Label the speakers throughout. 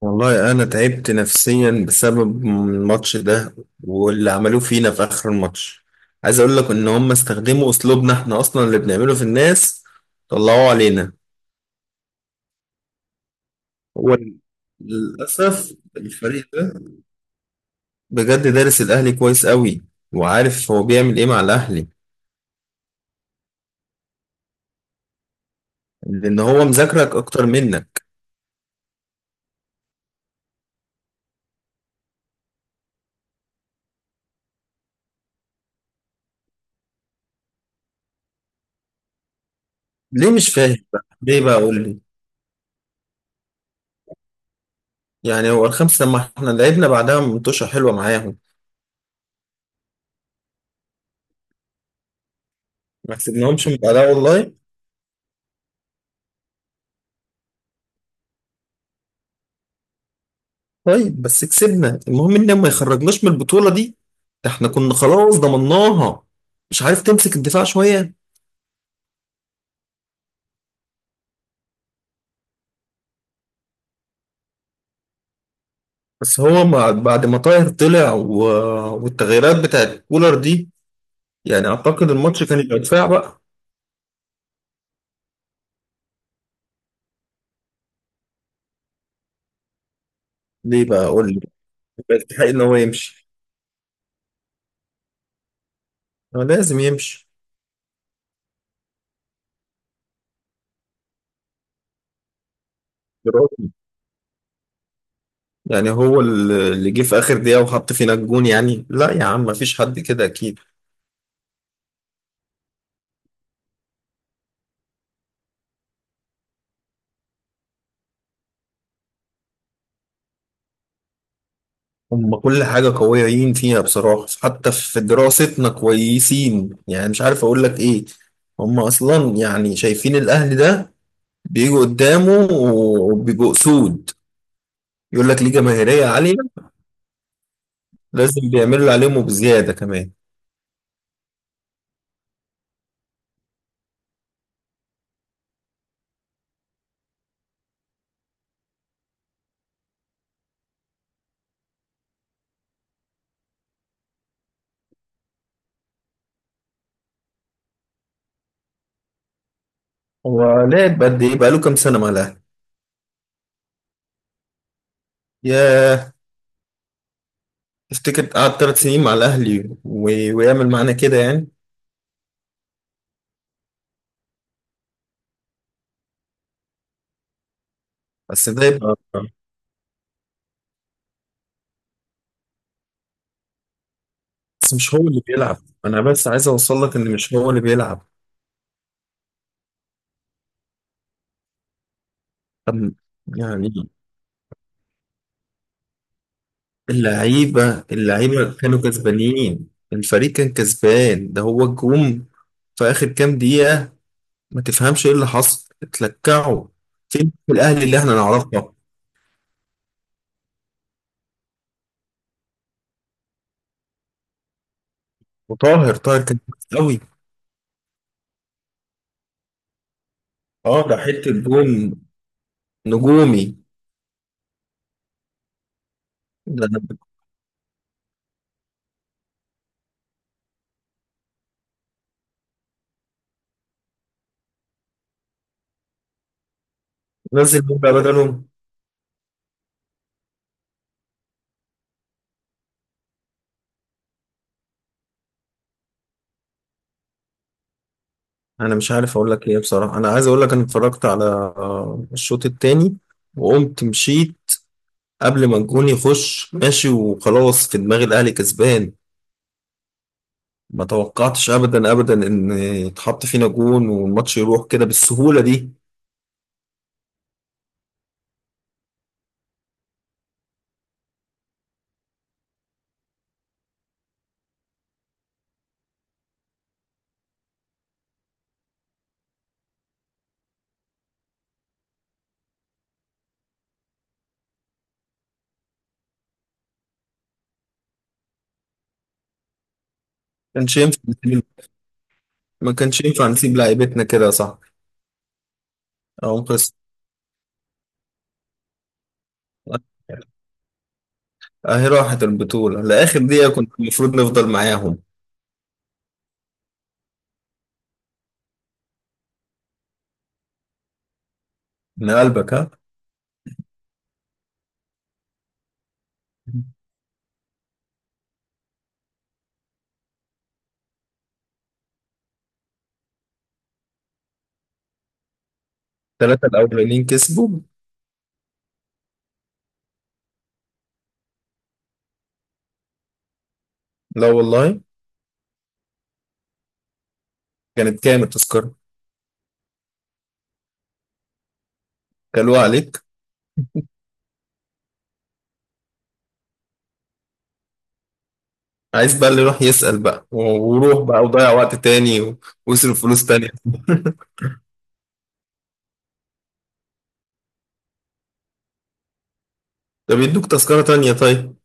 Speaker 1: والله أنا تعبت نفسيا بسبب الماتش ده واللي عملوه فينا في آخر الماتش. عايز أقول لك إن هم استخدموا أسلوبنا إحنا أصلا اللي بنعمله في الناس طلعوه علينا. هو للأسف الفريق ده بجد دارس الأهلي كويس قوي، وعارف هو بيعمل إيه مع الأهلي، لأن هو مذاكرك أكتر منك. ليه مش فاهم بقى؟ ليه بقى قول لي. يعني هو الخمسة لما إحنا لعبنا بعدها منتوشة حلوة معاهم، ما كسبناهمش من بعدها والله. طيب بس كسبنا، المهم ان ما يخرجناش من البطولة دي، ده احنا كنا خلاص ضمناها. مش عارف تمسك الدفاع شوية. بعد ما طاهر طلع والتغييرات بتاعت كولر دي، يعني اعتقد الماتش كان يبقى دفاع بقى. ليه بقى قول لي، يبقى يستحق ان هو يمشي، هو لازم يمشي. برافو. يعني هو اللي جه في اخر دقيقة وحط فينا الجون، يعني لا يا عم مفيش حد كده اكيد. هم كل حاجة قويين فيها بصراحة، حتى في دراستنا كويسين، يعني مش عارف أقول لك إيه. هم أصلا يعني شايفين الأهلي ده بيجوا قدامه وبيبقوا أسود. يقول لك ليه جماهيرية عالية، لازم بيعملوا اللي عليهم وبزيادة كمان. هو لعب قد إيه؟ بقاله كام سنة مع الأهلي؟ ياه، تفتكر قعد 3 سنين مع الأهلي ويعمل معانا كده يعني؟ بس ده يبقى، بس مش هو اللي بيلعب. أنا بس عايز أوصل لك إن مش هو اللي بيلعب. طب، يعني اللعيبة كانوا كسبانين، الفريق كان كسبان، ده هو الجوم في آخر كام دقيقة. ما تفهمش ايه اللي حصل، اتلكعوا. فين الأهلي اللي احنا نعرفه؟ وطاهر كان كويس قوي. اه ده حتة جون نجومي. ده أنا نزل جون بقى بدله. انا مش عارف اقول لك ايه بصراحة. انا عايز اقول لك انا اتفرجت على الشوط التاني وقمت مشيت، قبل ما الجون يخش ماشي، وخلاص في دماغ الأهلي كسبان. ما توقعتش ابدا ابدا ان يتحط فينا جون والماتش يروح كده بالسهوله دي. ما كانش ينفع نسيب- ما كانش ينفع نسيب لعيبتنا كده، صح؟ او قصة. اهي راحت البطوله، لاخر دقيقه كنت المفروض نفضل معاهم. من قلبك ها. الثلاثه الاولانيين كسبوا. لا والله. كانت كام التذكره؟ كلوها عليك. عايز بقى اللي يروح يسأل بقى وروح بقى وضيع وقت تاني ويصرف فلوس تانية طب يدوك تذكرة تانية طيب.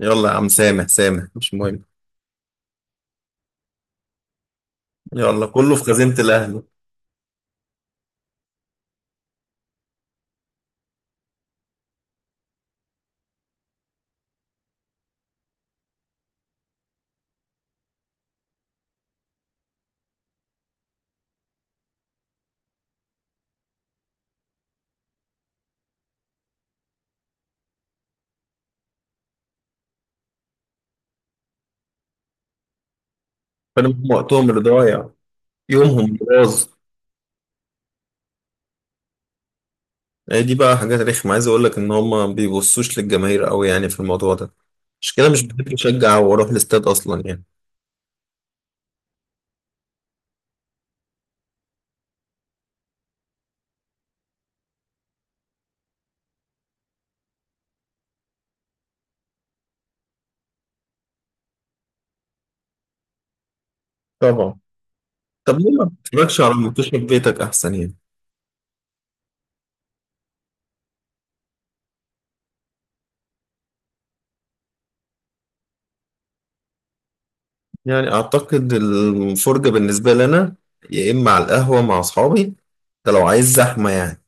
Speaker 1: يلا يا عم سامح سامح، مش مهم، يلا كله في خزينة الأهل. فأنا هم وقتهم اللي ضايع، يومهم اللي باظ. يعني دي بقى حاجات رخمة، عايز أقول لك إن هم ما بيبصوش للجماهير أوي يعني في الموضوع ده. مش كده، مش بحب أشجع وأروح الاستاد أصلا يعني. طبعا. طب ليه ما بتتفرجش على الماتش في بيتك أحسن يعني؟ يعني أعتقد الفرجة بالنسبة لنا يا إما على القهوة مع أصحابي، ده لو عايز زحمة يعني،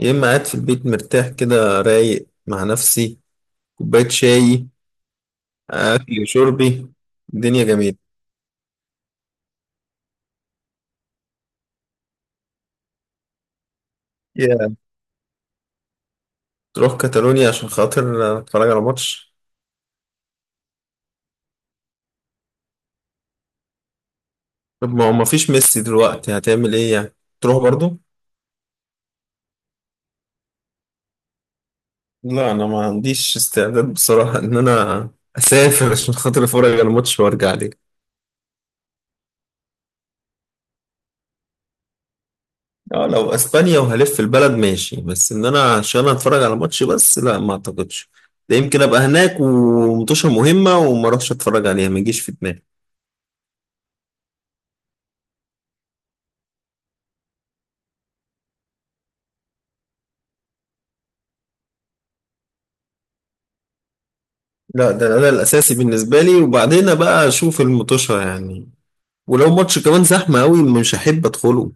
Speaker 1: يا إما قاعد في البيت مرتاح كده رايق مع نفسي، كوباية شاي، أكلي وشربي، الدنيا جميلة. تروح كاتالونيا عشان خاطر اتفرج على ماتش؟ طب ما هو مفيش ميسي دلوقتي، هتعمل ايه يعني؟ تروح برضو؟ لا انا ما عنديش استعداد بصراحة ان انا اسافر عشان خاطر اتفرج على ماتش وارجع لي. اه لو اسبانيا وهلف البلد ماشي، بس ان انا عشان اتفرج على ماتش بس، لا ما اعتقدش. ده يمكن ابقى هناك ومطوشة مهمة وما اروحش اتفرج عليها، ما يجيش في دماغي. لا، ده الاساسي بالنسبة لي، وبعدين بقى اشوف المطوشة يعني. ولو ماتش كمان زحمة قوي مش هحب ادخله،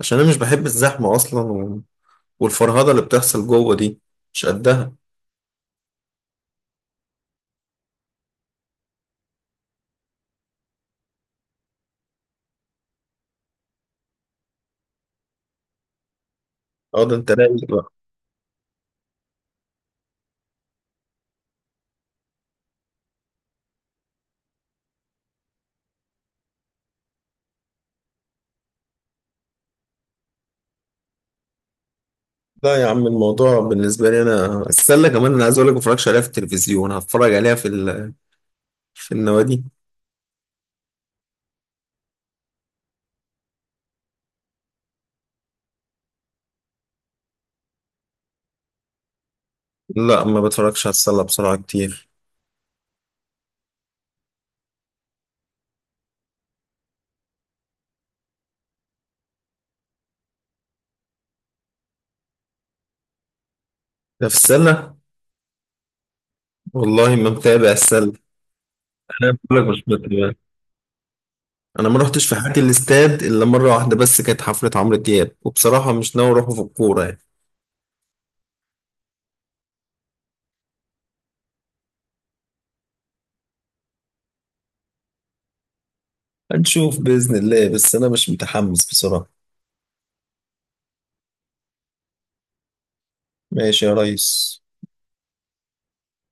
Speaker 1: عشان انا مش بحب الزحمه اصلا، والفرهده اللي بتحصل جوه دي مش قدها. اه ده انت رايق بقى. لا يا عم الموضوع بالنسبه لي انا، السله كمان، انا عايز اقول لك ما بتفرجش عليها في التلفزيون، هتفرج عليها في النوادي. لا ما بتفرجش على السله بسرعه كتير. ده في السله؟ والله ما متابع السله. انا بقول لك مش متابع. انا ما رحتش في حياتي الاستاد الا مره واحده، بس كانت حفله عمرو دياب، وبصراحه مش ناوي اروحه في الكوره يعني. هنشوف باذن الله، بس انا مش متحمس بصراحه. ماشي يا ريس.